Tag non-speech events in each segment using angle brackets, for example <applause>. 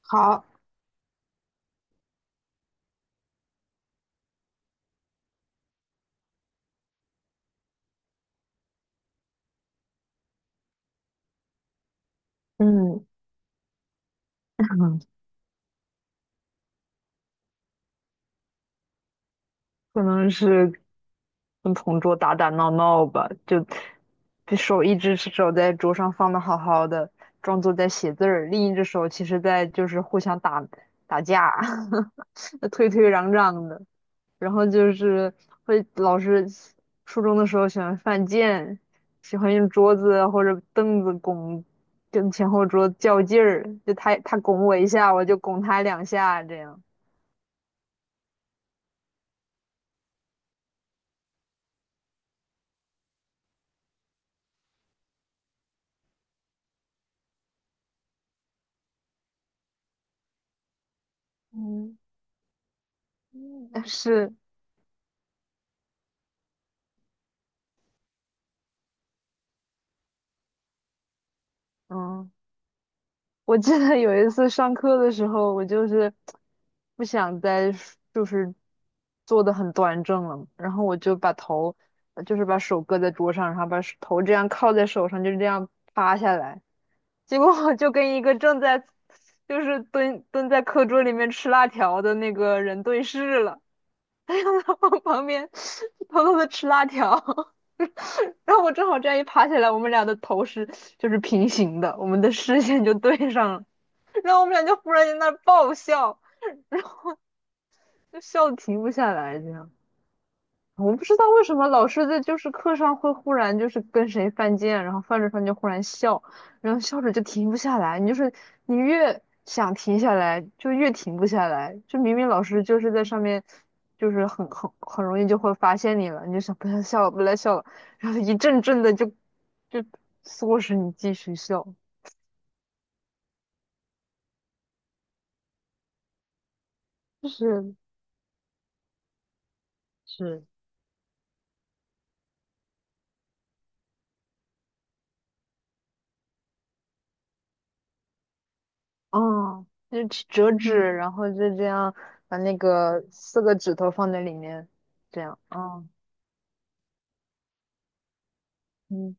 好，嗯，<laughs> 可能是跟同桌打打闹闹吧，就手一只手在桌上放的好好的，装作在写字儿，另一只手其实在就是互相打架，<laughs> 推推攘攘的，然后就是老师初中的时候喜欢犯贱，喜欢用桌子或者凳子拱跟前后桌较劲儿，就他拱我一下，我就拱他两下这样。嗯。<laughs> 嗯是，嗯，我记得有一次上课的时候，我就是不想再就是坐得很端正了，然后我就把头，就是把手搁在桌上，然后把手头这样靠在手上，就这样趴下来，结果我就跟一个正在就是蹲在课桌里面吃辣条的那个人对视了。<laughs> 往旁边偷偷的吃辣条，<laughs> 然后我正好这样一爬起来，我们俩的头是就是平行的，我们的视线就对上了，然后我们俩就忽然间那儿爆笑，就笑得停不下来，这样。我不知道为什么老师在就是课上会忽然就是跟谁犯贱，然后犯着犯着忽然笑，然后笑着就停不下来。你就是你越想停下来，就越停不下来。就明明老师就是在上面，就是很容易就会发现你了，你就想不要笑了，不要笑了，然后一阵阵的就唆使你继续笑，就是是，啊，就去折纸，嗯然后就这样把那个四个指头放在里面，这样，啊嗯，嗯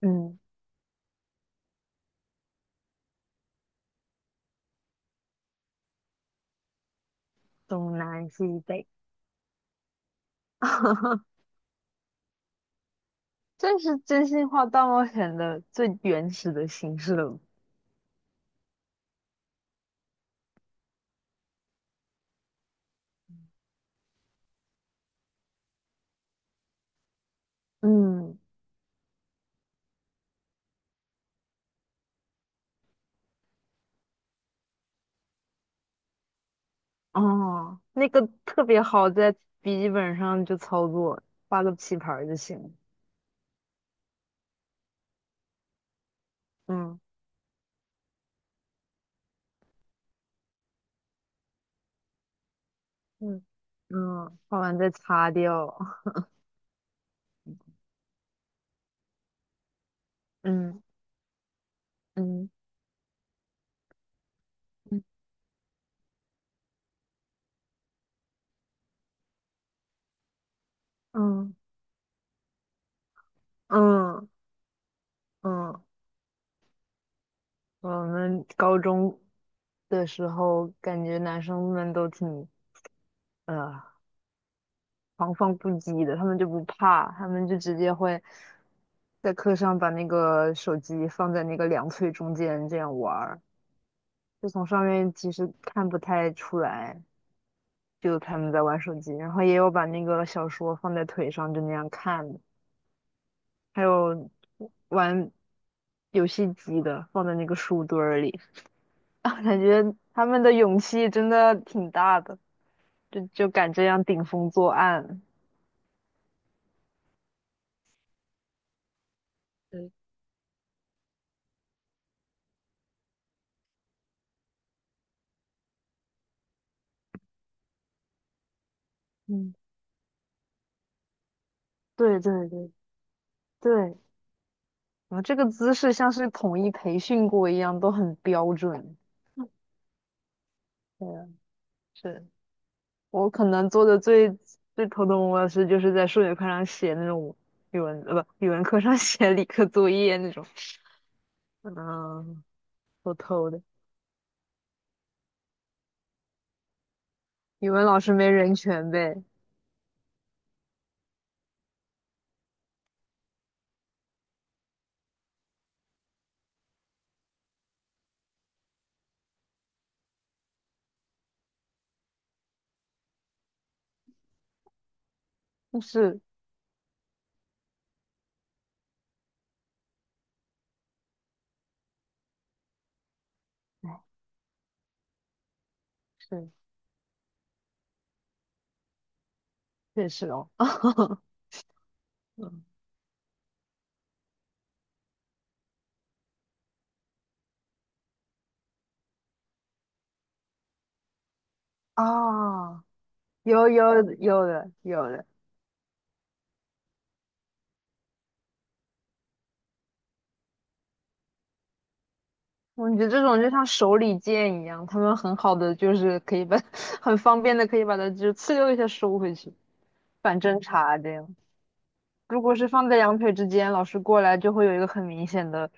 嗯，东南西北，<laughs> 这是真心话大冒险的最原始的形式了。嗯，哦，那个特别好，在笔记本上就操作，画个棋盘儿就行了嗯嗯嗯，画完再擦掉。<laughs> 嗯嗯嗯嗯嗯嗯，我们高中的时候，感觉男生们都挺呃狂放不羁的，他们就不怕，他们就直接会在课上把那个手机放在那个两腿中间这样玩儿，就从上面其实看不太出来，就他们在玩手机，然后也有把那个小说放在腿上就那样看的还有玩游戏机的放在那个书堆儿里，<laughs> 啊感觉他们的勇气真的挺大的，就敢这样顶风作案，对，嗯，对对对对，然后这个姿势像是统一培训过一样，都很标准。对啊，是我可能做的最头疼我的事，就是在数学课上写那种语文，不，语文课上 <laughs> 写理科作业那种，嗯，偷偷的。语文老师没人权呗？但是，哎，是确实哦，<laughs> 嗯啊，有有有的有的。我觉得这种就像手里剑一样，他们很好的就是可以把，<laughs> 很方便的可以把它就呲溜一下收回去，反侦查这样。如果是放在两腿之间，老师过来就会有一个很明显的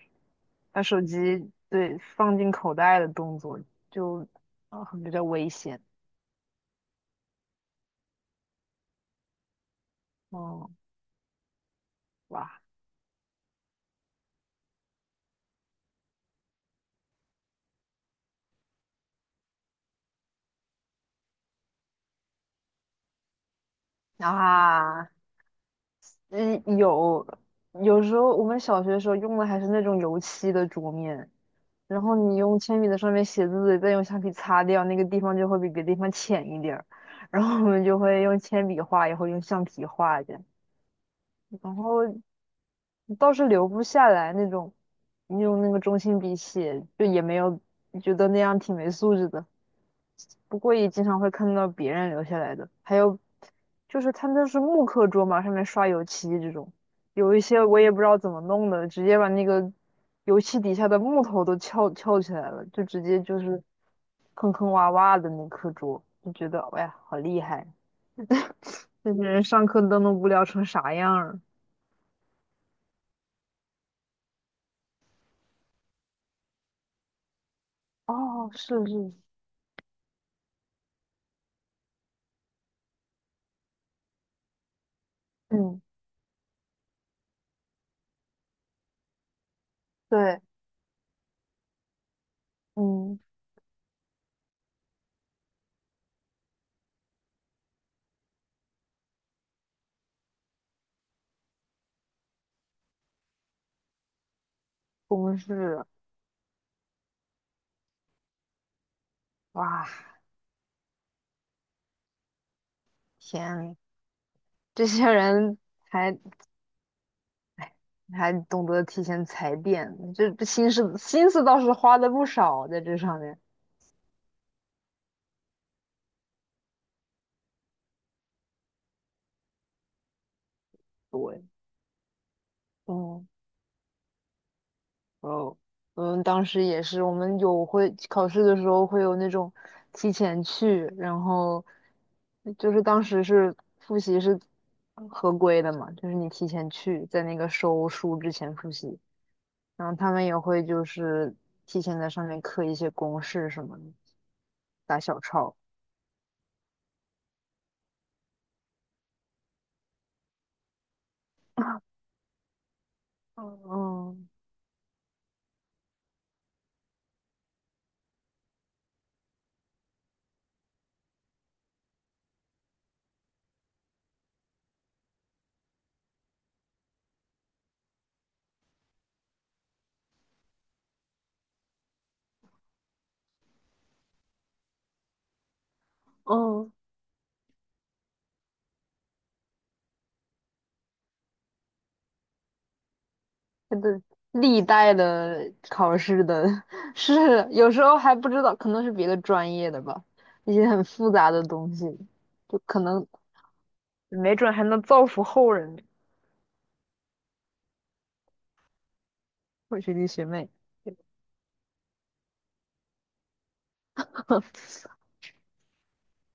把手机对放进口袋的动作，就啊、很比较危险。哦，哇啊！嗯，有有时候我们小学的时候用的还是那种油漆的桌面，然后你用铅笔在上面写字，再用橡皮擦掉，那个地方就会比别的地方浅一点儿。然后我们就会用铅笔画，也会用橡皮画的，然后倒是留不下来那种，你用那个中性笔写，就也没有觉得那样挺没素质的。不过也经常会看到别人留下来的，还有就是他们是木课桌嘛，上面刷油漆这种，有一些我也不知道怎么弄的，直接把那个油漆底下的木头都翘翘起来了，就直接就是坑坑洼洼的那课桌，就觉得哎呀好厉害，这些人上课都能无聊成啥样儿？哦，是是，嗯，对，嗯，公式，哇，天，这些人还哎，还懂得提前踩点，这心思倒是花的不少在这上面。对，嗯，哦，们当时也是，我们有会考试的时候会有那种提前去，然后就是当时是复习是合规的嘛，就是你提前去，在那个收书之前复习，然后他们也会就是提前在上面刻一些公式什么的，打小抄。嗯嗯。嗯真的历代的考试的 <laughs>，是有时候还不知道，可能是别的专业的吧，一些很复杂的东西，就可能没准还能造福后人呢。我学弟学妹，<laughs>